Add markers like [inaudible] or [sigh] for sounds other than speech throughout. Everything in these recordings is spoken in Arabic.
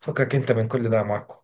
فكك انت من كل ده يا ماركو.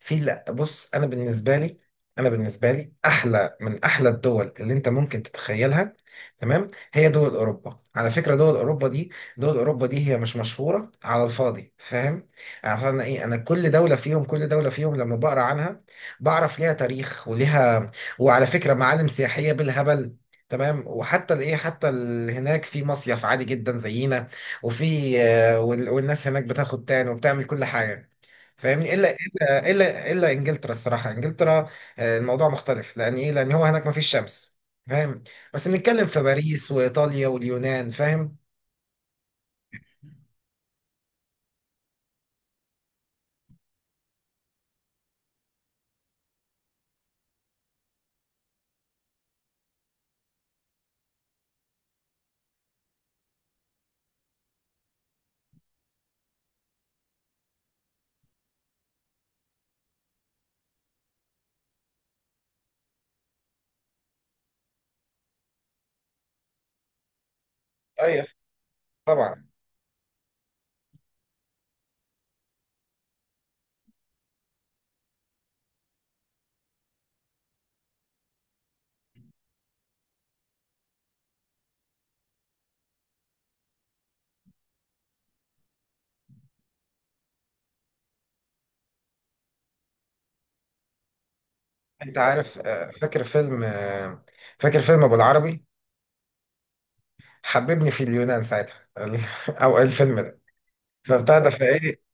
لا، بص، انا بالنسبه لي احلى من احلى الدول اللي انت ممكن تتخيلها. تمام. هي دول اوروبا، على فكره دول اوروبا دي هي مش مشهوره على الفاضي، فاهم؟ عارف انا ايه؟ انا كل دوله فيهم لما بقرا عنها بعرف ليها تاريخ وليها، وعلى فكره معالم سياحيه بالهبل. تمام. وحتى هناك في مصيف عادي جدا زينا، والناس هناك بتاخد تان وبتعمل كل حاجه، فاهمني؟ الا انجلترا، الصراحه انجلترا الموضوع مختلف، لان ايه، لان هو هناك مفيش شمس، فاهم؟ بس نتكلم في باريس وايطاليا واليونان، فاهم؟ ايوه طبعا. انت عارف، فاكر فيلم ابو العربي، حببني في اليونان ساعتها. [laughs] او الفيلم ده، فبتاع ده فايه.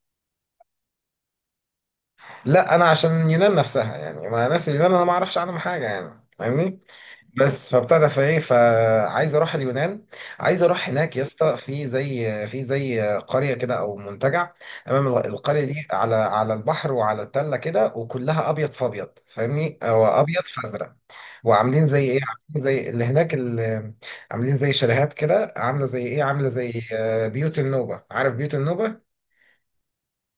لا انا عشان اليونان نفسها، يعني ما ناس اليونان انا ما اعرفش عنهم حاجه، يعني فاهمني. بس فبتاع ده فايه، فعايز اروح اليونان، عايز اروح هناك يا اسطى، في زي قريه كده او منتجع. تمام. القريه دي على البحر وعلى التله كده، وكلها ابيض في ابيض فاهمني، او ابيض في ازرق. وعاملين زي ايه عاملين زي اللي هناك اللي عاملين زي شاليهات كده، عامله زي بيوت النوبه، عارف بيوت النوبه؟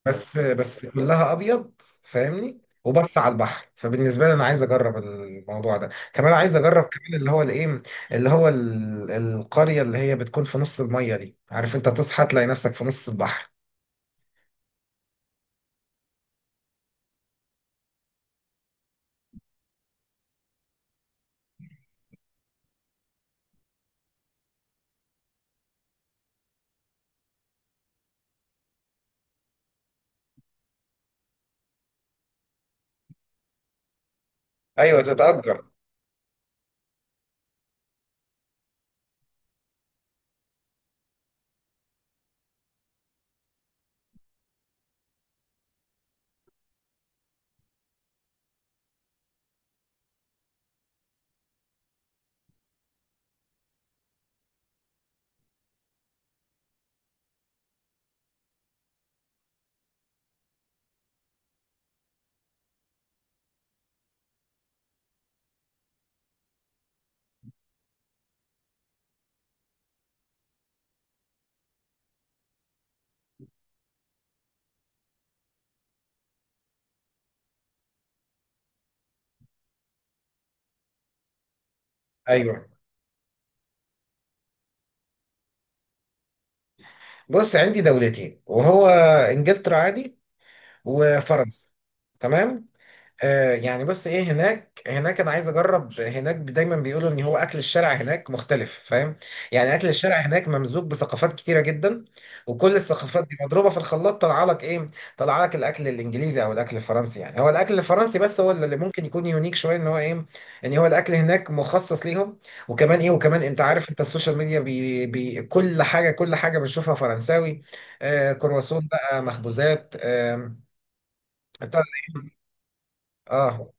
بس كلها ابيض، فاهمني؟ وبس على البحر. فبالنسبه لي انا عايز اجرب الموضوع ده كمان، عايز اجرب كمان اللي هو القريه اللي هي بتكون في نص الميه دي، عارف؟ انت تصحى تلاقي نفسك في نص البحر. ايوه تتأجر. ايوه بص عندي دولتين وهو، انجلترا عادي، وفرنسا. تمام. آه يعني بص ايه، هناك انا عايز اجرب هناك. دايما بيقولوا ان هو اكل الشارع هناك مختلف، فاهم؟ يعني اكل الشارع هناك ممزوج بثقافات كتيره جدا، وكل الثقافات دي مضروبه في الخلاط طلع لك ايه، طلع لك الاكل الانجليزي او الاكل الفرنسي. يعني هو الاكل الفرنسي بس هو اللي ممكن يكون يونيك شويه، ان هو ايه، ان هو الاكل هناك مخصص ليهم. وكمان انت عارف، انت السوشيال ميديا بي كل حاجه بنشوفها فرنساوي، آه كرواسون بقى مخبوزات. بتاع- اه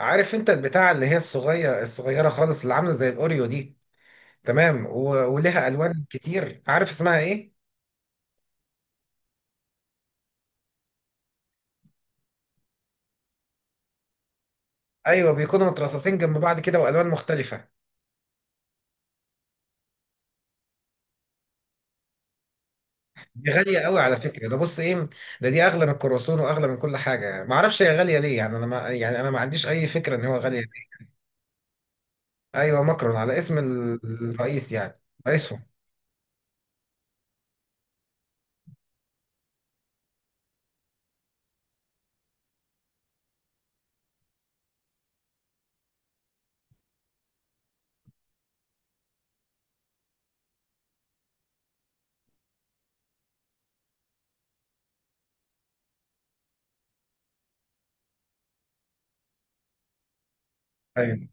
عارف انت البتاع اللي هي الصغيرة الصغيرة خالص، اللي عاملة زي الأوريو دي؟ تمام. ولها ألوان كتير، عارف اسمها ايه؟ ايوه بيكونوا مترصصين جنب بعض كده والوان مختلفه. دي غاليه قوي على فكره. ده بص ايه، ده دي اغلى من الكرواسون واغلى من كل حاجه، ما اعرفش هي غاليه ليه. يعني انا ما عنديش اي فكره ان هو غاليه ليه. ايوه ماكرون، على اسم الرئيس يعني، رئيسهم. أيوة.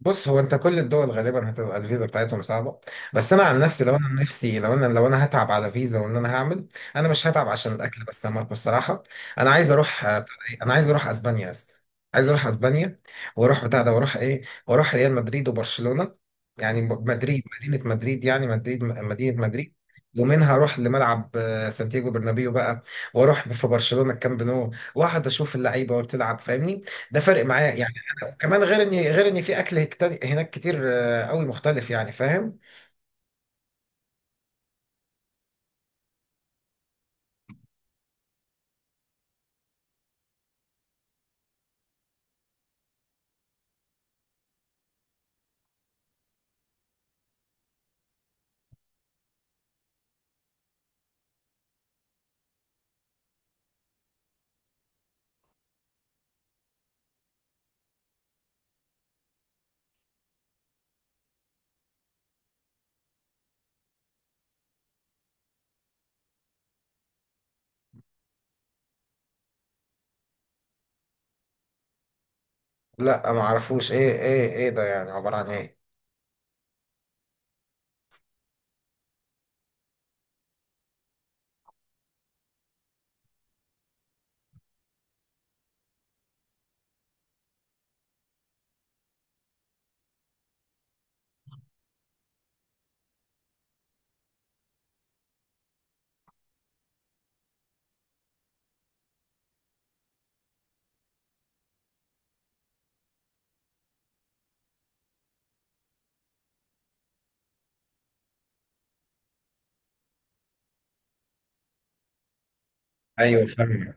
بص هو انت كل الدول غالبا هتبقى الفيزا بتاعتهم صعبه. بس انا عن نفسي لو انا هتعب على فيزا وان انا هعمل، انا مش هتعب عشان الاكل بس يا ماركو الصراحه. انا عايز اروح اسبانيا يا اسطى، عايز اروح اسبانيا، واروح بتاع ده، واروح ايه، واروح ريال مدريد وبرشلونه. يعني م- مدريد مدينه مدريد يعني مدريد م- مدينه مدريد. ومنها اروح لملعب سانتياغو برنابيو بقى. واروح في برشلونه الكامب نو، واقعد اشوف اللعيبه وبتلعب فاهمني؟ ده فرق معايا يعني. كمان غير ان في اكل هناك كتير قوي مختلف، يعني فاهم؟ لا ما اعرفوش، ايه ده يعني؟ عبارة عن ايه؟ ايوه فاهم.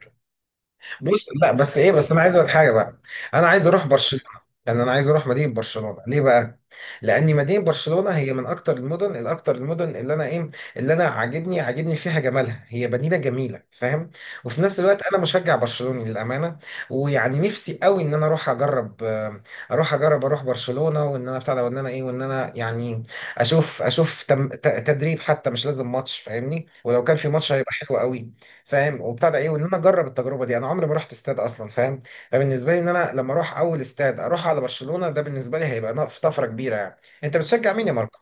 بص لا بس ايه، بس انا عايز اقول لك حاجه بقى، انا عايز اروح برشلونه. يعني انا عايز اروح مدينه برشلونه. ليه بقى؟ لان مدينه برشلونه هي من اكتر المدن اللي انا ايه، اللي انا عاجبني فيها جمالها، هي مدينه جميله، فاهم؟ وفي نفس الوقت انا مشجع برشلوني للامانه، ويعني نفسي قوي ان انا اروح اجرب آه، اروح اجرب اروح برشلونه، وان انا بتاع ده، وان انا ايه، وان انا يعني اشوف تدريب حتى، مش لازم ماتش فاهمني؟ ولو كان في ماتش هيبقى حلو قوي فاهم. وبتاع ده ايه، وان انا اجرب التجربه دي، انا عمري ما رحت استاد اصلا فاهم. فبالنسبه لي ان انا لما اروح اول استاد اروح على برشلونه ده، بالنسبه لي هيبقى طفره كبيره يعني. انت بتشجع مين يا ماركو؟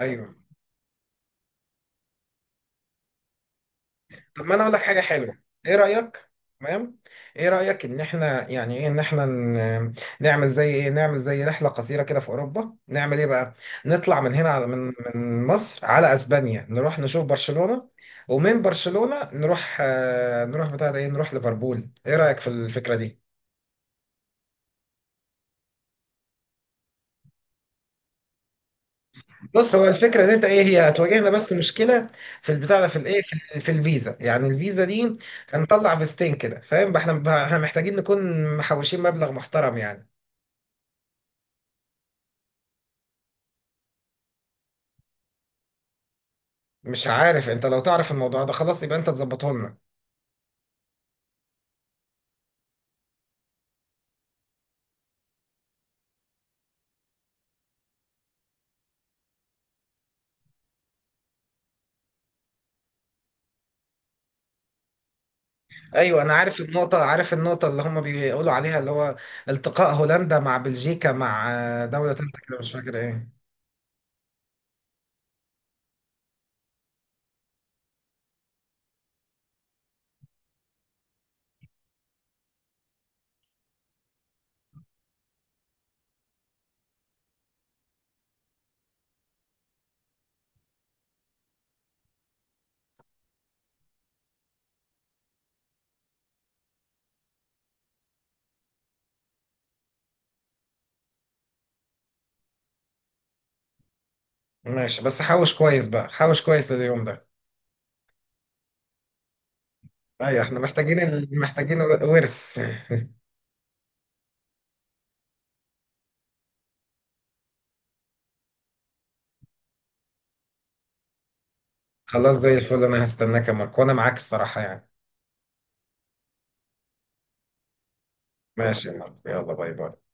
ايوه، طب ما انا اقول لك حاجه حلوه. ايه رايك؟ تمام. ايه رايك ان احنا يعني ايه، ان احنا نعمل زي رحله قصيره كده في اوروبا، نعمل ايه بقى، نطلع من هنا على من مصر على اسبانيا، نروح نشوف برشلونه، ومن برشلونه نروح آه، نروح بتاع ده ايه نروح ليفربول. ايه رايك في الفكره دي؟ بص هو الفكره ان انت ايه، هي هتواجهنا بس مشكله في البتاع ده، في الايه، في الفيزا. يعني الفيزا دي هنطلع فيزتين كده فاهم؟ احنا محتاجين نكون محوشين مبلغ محترم يعني. مش عارف، انت لو تعرف الموضوع ده خلاص يبقى انت تظبطه لنا. ايوه انا عارف النقطه اللي هم بيقولوا عليها، اللي هو التقاء هولندا مع بلجيكا مع دوله تالته كده، مش فاكر ايه. ماشي بس حوش كويس بقى، حوش كويس لليوم ده. ايوه احنا محتاجين محتاجين ورث. خلاص زي الفل، انا هستناك يا ماركو وانا معاك الصراحة يعني. ماشي يا ماركو، يلا باي باي.